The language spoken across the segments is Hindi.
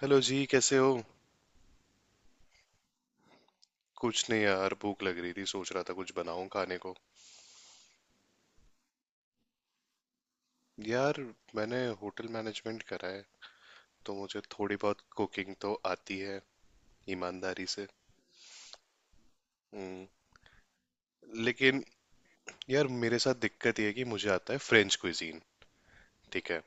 हेलो जी, कैसे हो। कुछ नहीं यार, भूख लग रही थी, सोच रहा था कुछ बनाऊं खाने को। यार, मैंने होटल मैनेजमेंट करा है, तो मुझे थोड़ी बहुत कुकिंग तो आती है, ईमानदारी से। हम्म, लेकिन यार मेरे साथ दिक्कत ये है कि मुझे आता है फ्रेंच कुइजीन। ठीक है।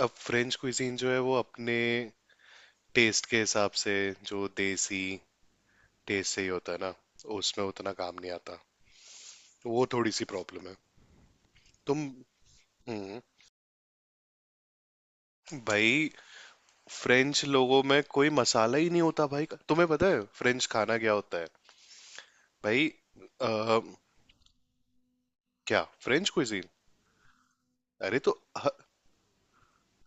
अब फ्रेंच कुइजीन जो है वो अपने टेस्ट के हिसाब से, जो देसी टेस्ट से ही होता है ना, उसमें उतना काम नहीं आता। वो थोड़ी सी प्रॉब्लम है। तुम हम्म भाई, फ्रेंच लोगों में कोई मसाला ही नहीं होता। भाई तुम्हें पता है फ्रेंच खाना क्या होता है? भाई, अ, क्या फ्रेंच क्विजीन? अरे तो ह-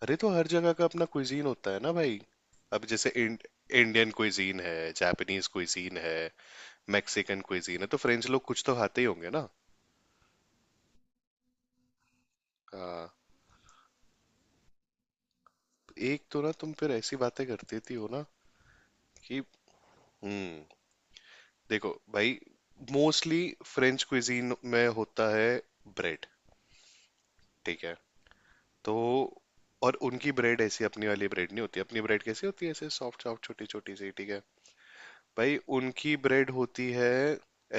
अरे तो हर जगह का अपना क्विजीन होता है ना भाई। अब जैसे इंडियन क्विजीन है, जापानीज क्विजीन है, मैक्सिकन क्विजीन है, तो फ्रेंच लोग कुछ तो खाते ही होंगे ना। हाँ, एक तो ना तुम फिर ऐसी बातें करती थी हो ना कि… हम्म देखो भाई, मोस्टली फ्रेंच क्विजीन में होता है ब्रेड। ठीक है, तो और उनकी ब्रेड ऐसी अपनी वाली ब्रेड नहीं होती। अपनी ब्रेड कैसी होती है? ऐसे सॉफ्ट सॉफ्ट छोटी छोटी सी, ठीक है। भाई उनकी ब्रेड होती है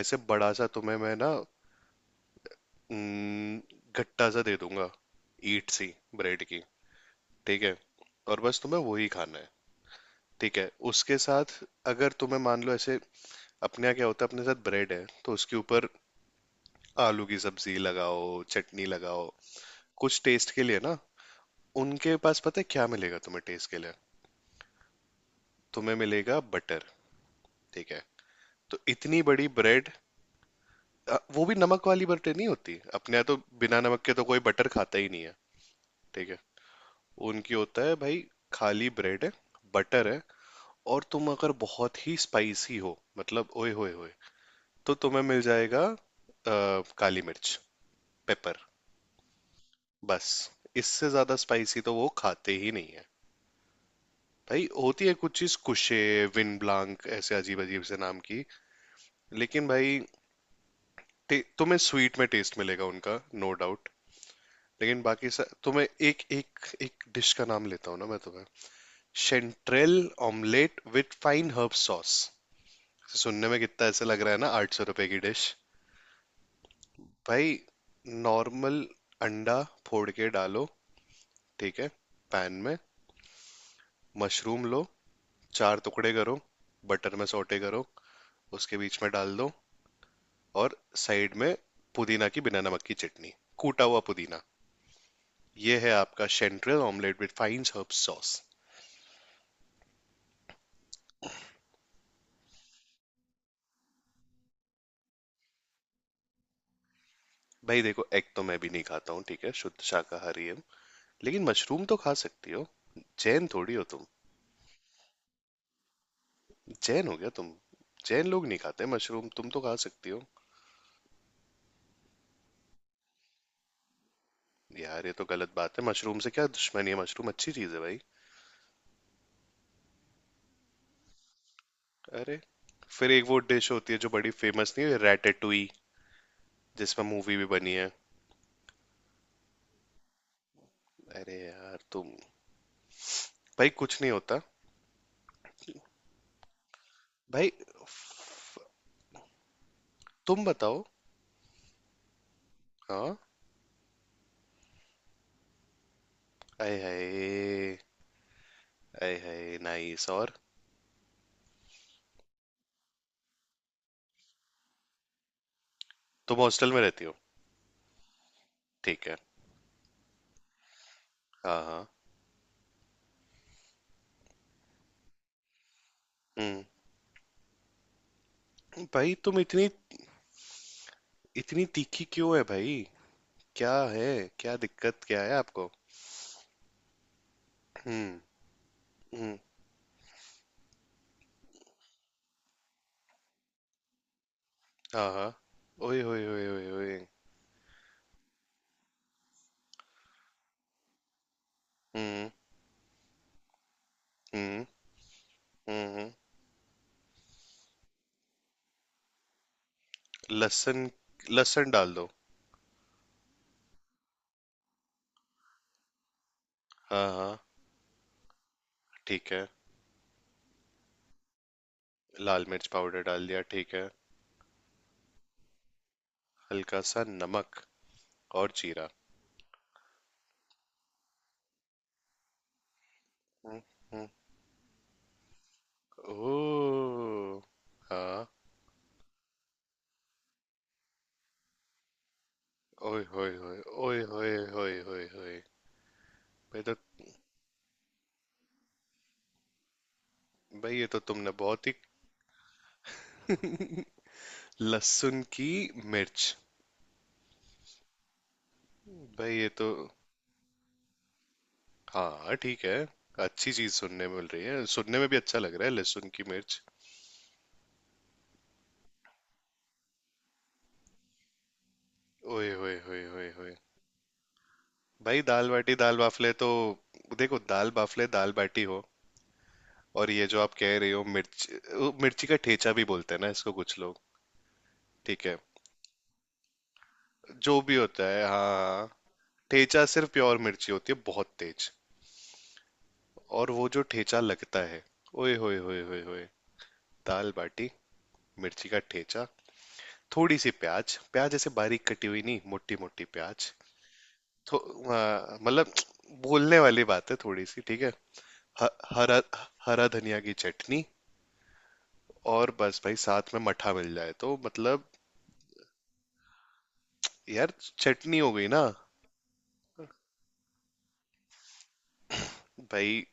ऐसे बड़ा सा, तुम्हें मैं ना न, गट्टा सा दे दूंगा, ईट सी ब्रेड की, ठीक है। और बस तुम्हें वही खाना है, ठीक है उसके साथ। अगर तुम्हें मान लो ऐसे, अपने यहाँ क्या होता है? अपने साथ ब्रेड है तो उसके ऊपर आलू की सब्जी लगाओ, चटनी लगाओ, कुछ टेस्ट के लिए ना। उनके पास पता है क्या मिलेगा तुम्हें टेस्ट के लिए? तुम्हें मिलेगा बटर, ठीक है। तो इतनी बड़ी ब्रेड, वो भी नमक वाली बटर नहीं होती। अपने यहाँ तो बिना नमक के तो कोई बटर खाता ही नहीं है। ठीक है, उनकी होता है भाई, खाली ब्रेड है, बटर है। और तुम अगर बहुत ही स्पाइसी हो, मतलब ओए होए होए, तो तुम्हें मिल जाएगा काली मिर्च, पेपर, बस। इससे ज्यादा स्पाइसी तो वो खाते ही नहीं है। भाई होती है कुछ चीज कुशे, विन ब्लांक, ऐसे अजीब अजीब से नाम की। लेकिन भाई, तुम्हें स्वीट में टेस्ट मिलेगा उनका, नो डाउट। लेकिन बाकी सा तुम्हें एक एक एक डिश का नाम लेता हूँ ना मैं तुम्हें। Chanterelle omelette with fine herb sauce. सुनने में कितना ऐसे लग रहा है ना, 800 रुपए की डिश। भाई, नॉर्मल अंडा फोड़ के डालो, ठीक है, पैन में। मशरूम लो, चार टुकड़े करो, बटर में सौटे करो, उसके बीच में डाल दो। और साइड में पुदीना की बिना नमक की चटनी, कूटा हुआ पुदीना। ये है आपका chanterelle omelette with fine herb sauce. भाई देखो, एग तो मैं भी नहीं खाता हूँ, ठीक है, शुद्ध शाकाहारी हूँ। लेकिन मशरूम तो खा सकती हो, जैन थोड़ी हो तुम। जैन हो गया तुम? जैन लोग नहीं खाते मशरूम, तुम तो खा सकती हो। यार ये तो गलत बात है, मशरूम से क्या दुश्मनी है? मशरूम अच्छी चीज है भाई। अरे, फिर एक वो डिश होती है जो बड़ी फेमस नहीं है, रैटेटुई, जिसमें मूवी भी बनी है। अरे यार तुम, भाई कुछ नहीं होता। भाई तुम बताओ। हाँ, आए हाय, आए हाय नाइस। और तुम हॉस्टल में रहती हो? ठीक है। हाँ हाँ। हम्म भाई तुम इतनी इतनी तीखी क्यों है भाई? क्या है? क्या दिक्कत क्या है आपको? हम्म। हम्म। हाँ हाँ। ओए ओए ओए ओए ओए। हम्म हम्म हम्म लहसुन। लहसुन डाल दो। हाँ हाँ, ठीक है। लाल मिर्च पाउडर डाल दिया, ठीक है। हल्का सा नमक और जीरा। हम्म। हम्म। ओ। हाँ। ओए होए होए, ओए होए होए होए होए। भाई तो, भाई ये तो तुमने बहुत ही… लहसुन की मिर्च। भाई ये तो… हाँ ठीक है। अच्छी चीज सुनने मिल रही है, सुनने में भी अच्छा लग रहा है, लहसुन की मिर्च। ओए होए होए होए होए। भाई दाल बाटी दाल बाफले तो… देखो, दाल बाफले दाल बाटी हो, और ये जो आप कह रहे हो मिर्च, वो मिर्ची का ठेचा भी बोलते हैं ना इसको कुछ लोग, ठीक है। जो भी होता है, हाँ हाँ, हाँ। ठेचा सिर्फ प्योर मिर्ची होती है, बहुत तेज। और वो जो ठेचा लगता है, ओए होए होए होए होए। दाल बाटी, मिर्ची का ठेचा, थोड़ी सी प्याज, प्याज ऐसे बारीक कटी हुई नहीं, मोटी मोटी प्याज। तो मतलब बोलने वाली बात है, थोड़ी सी, ठीक है। ह- हरा हरा धनिया की चटनी, और बस, भाई साथ में मठा मिल जाए तो मतलब… यार, चटनी हो गई ना भाई।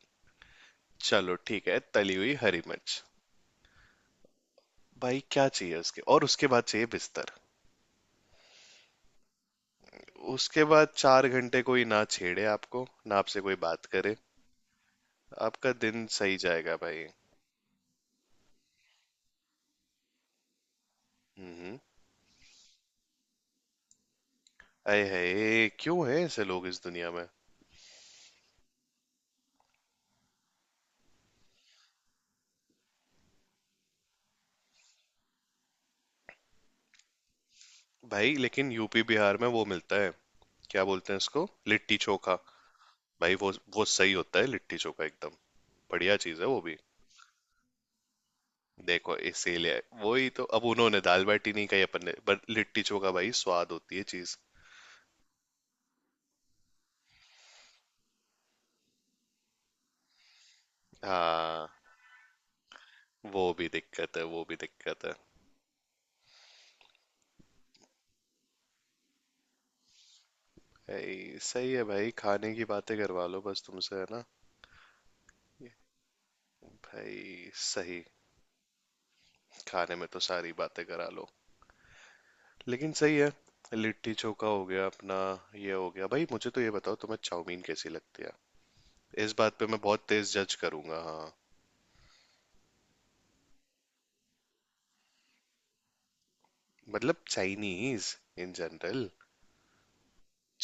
चलो ठीक है, तली हुई हरी मिर्च। भाई क्या चाहिए उसके, और उसके बाद चाहिए बिस्तर। उसके बाद 4 घंटे कोई ना छेड़े आपको, ना आपसे कोई बात करे, आपका दिन सही जाएगा भाई। हम्म अये है, क्यों है ऐसे लोग इस दुनिया में? भाई लेकिन यूपी बिहार में वो मिलता है, क्या बोलते हैं इसको, लिट्टी चोखा। भाई वो सही होता है, लिट्टी चोखा एकदम बढ़िया चीज है वो भी। देखो इसीलिए, वही तो, अब उन्होंने दाल बाटी नहीं कही अपन ने, पर लिट्टी चोखा भाई स्वाद होती है चीज। हाँ, वो भी दिक्कत है, वो भी दिक्कत है। भाई सही है भाई, खाने की बातें करवा लो बस तुमसे है ना भाई। सही, खाने में तो सारी बातें करा लो। लेकिन सही है, लिट्टी चोखा हो गया अपना, ये हो गया भाई। मुझे तो ये बताओ, तुम्हें चाउमीन कैसी लगती है? इस बात पे मैं बहुत तेज जज करूंगा हाँ। मतलब चाइनीज इन जनरल।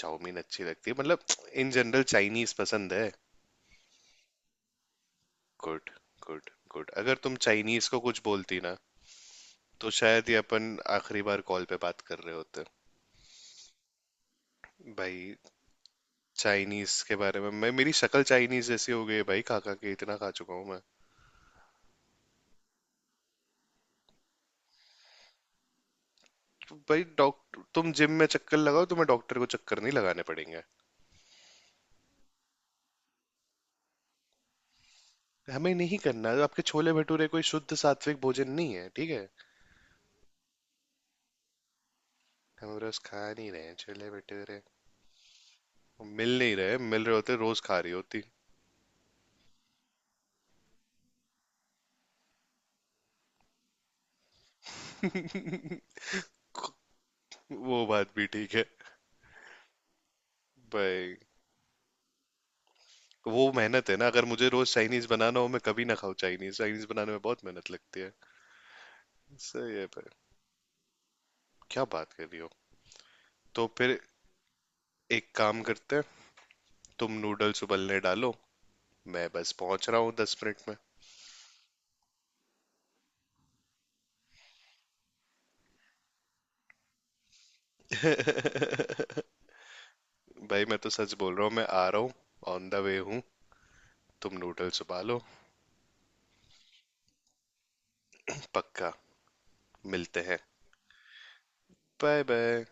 चाउमीन अच्छी लगती है मतलब, इन जनरल चाइनीज पसंद है? गुड। Good good. अगर तुम चाइनीज को कुछ बोलती ना, तो शायद ये अपन आखिरी बार कॉल पे बात कर रहे होते भाई। चाइनीज के बारे में, मैं, मेरी शक्ल चाइनीज जैसी हो गई है भाई, खा खा के, इतना खा चुका हूँ मैं। तो भाई डॉक्टर, तुम जिम में चक्कर लगाओ, तुम्हें डॉक्टर को चक्कर नहीं लगाने पड़ेंगे। हमें नहीं करना, आपके छोले भटूरे कोई शुद्ध सात्विक भोजन नहीं है, ठीक है। हम रोज खा नहीं रहे हैं छोले भटूरे, मिल नहीं रहे, मिल रहे होते रोज खा रही होती। वो बात भी ठीक है। भाई वो मेहनत है ना, अगर मुझे रोज चाइनीज बनाना हो मैं कभी ना खाऊं चाइनीज। चाइनीज बनाने में बहुत मेहनत लगती है। सही है भाई, क्या बात कर रही हो। तो फिर एक काम करते हैं, तुम नूडल्स उबलने डालो, मैं बस पहुंच रहा हूँ 10 मिनट में। भाई मैं तो सच बोल रहा हूँ, मैं आ रहा हूँ, ऑन द वे हूँ, तुम नूडल्स उबालो। पक्का। मिलते हैं। Bye bye.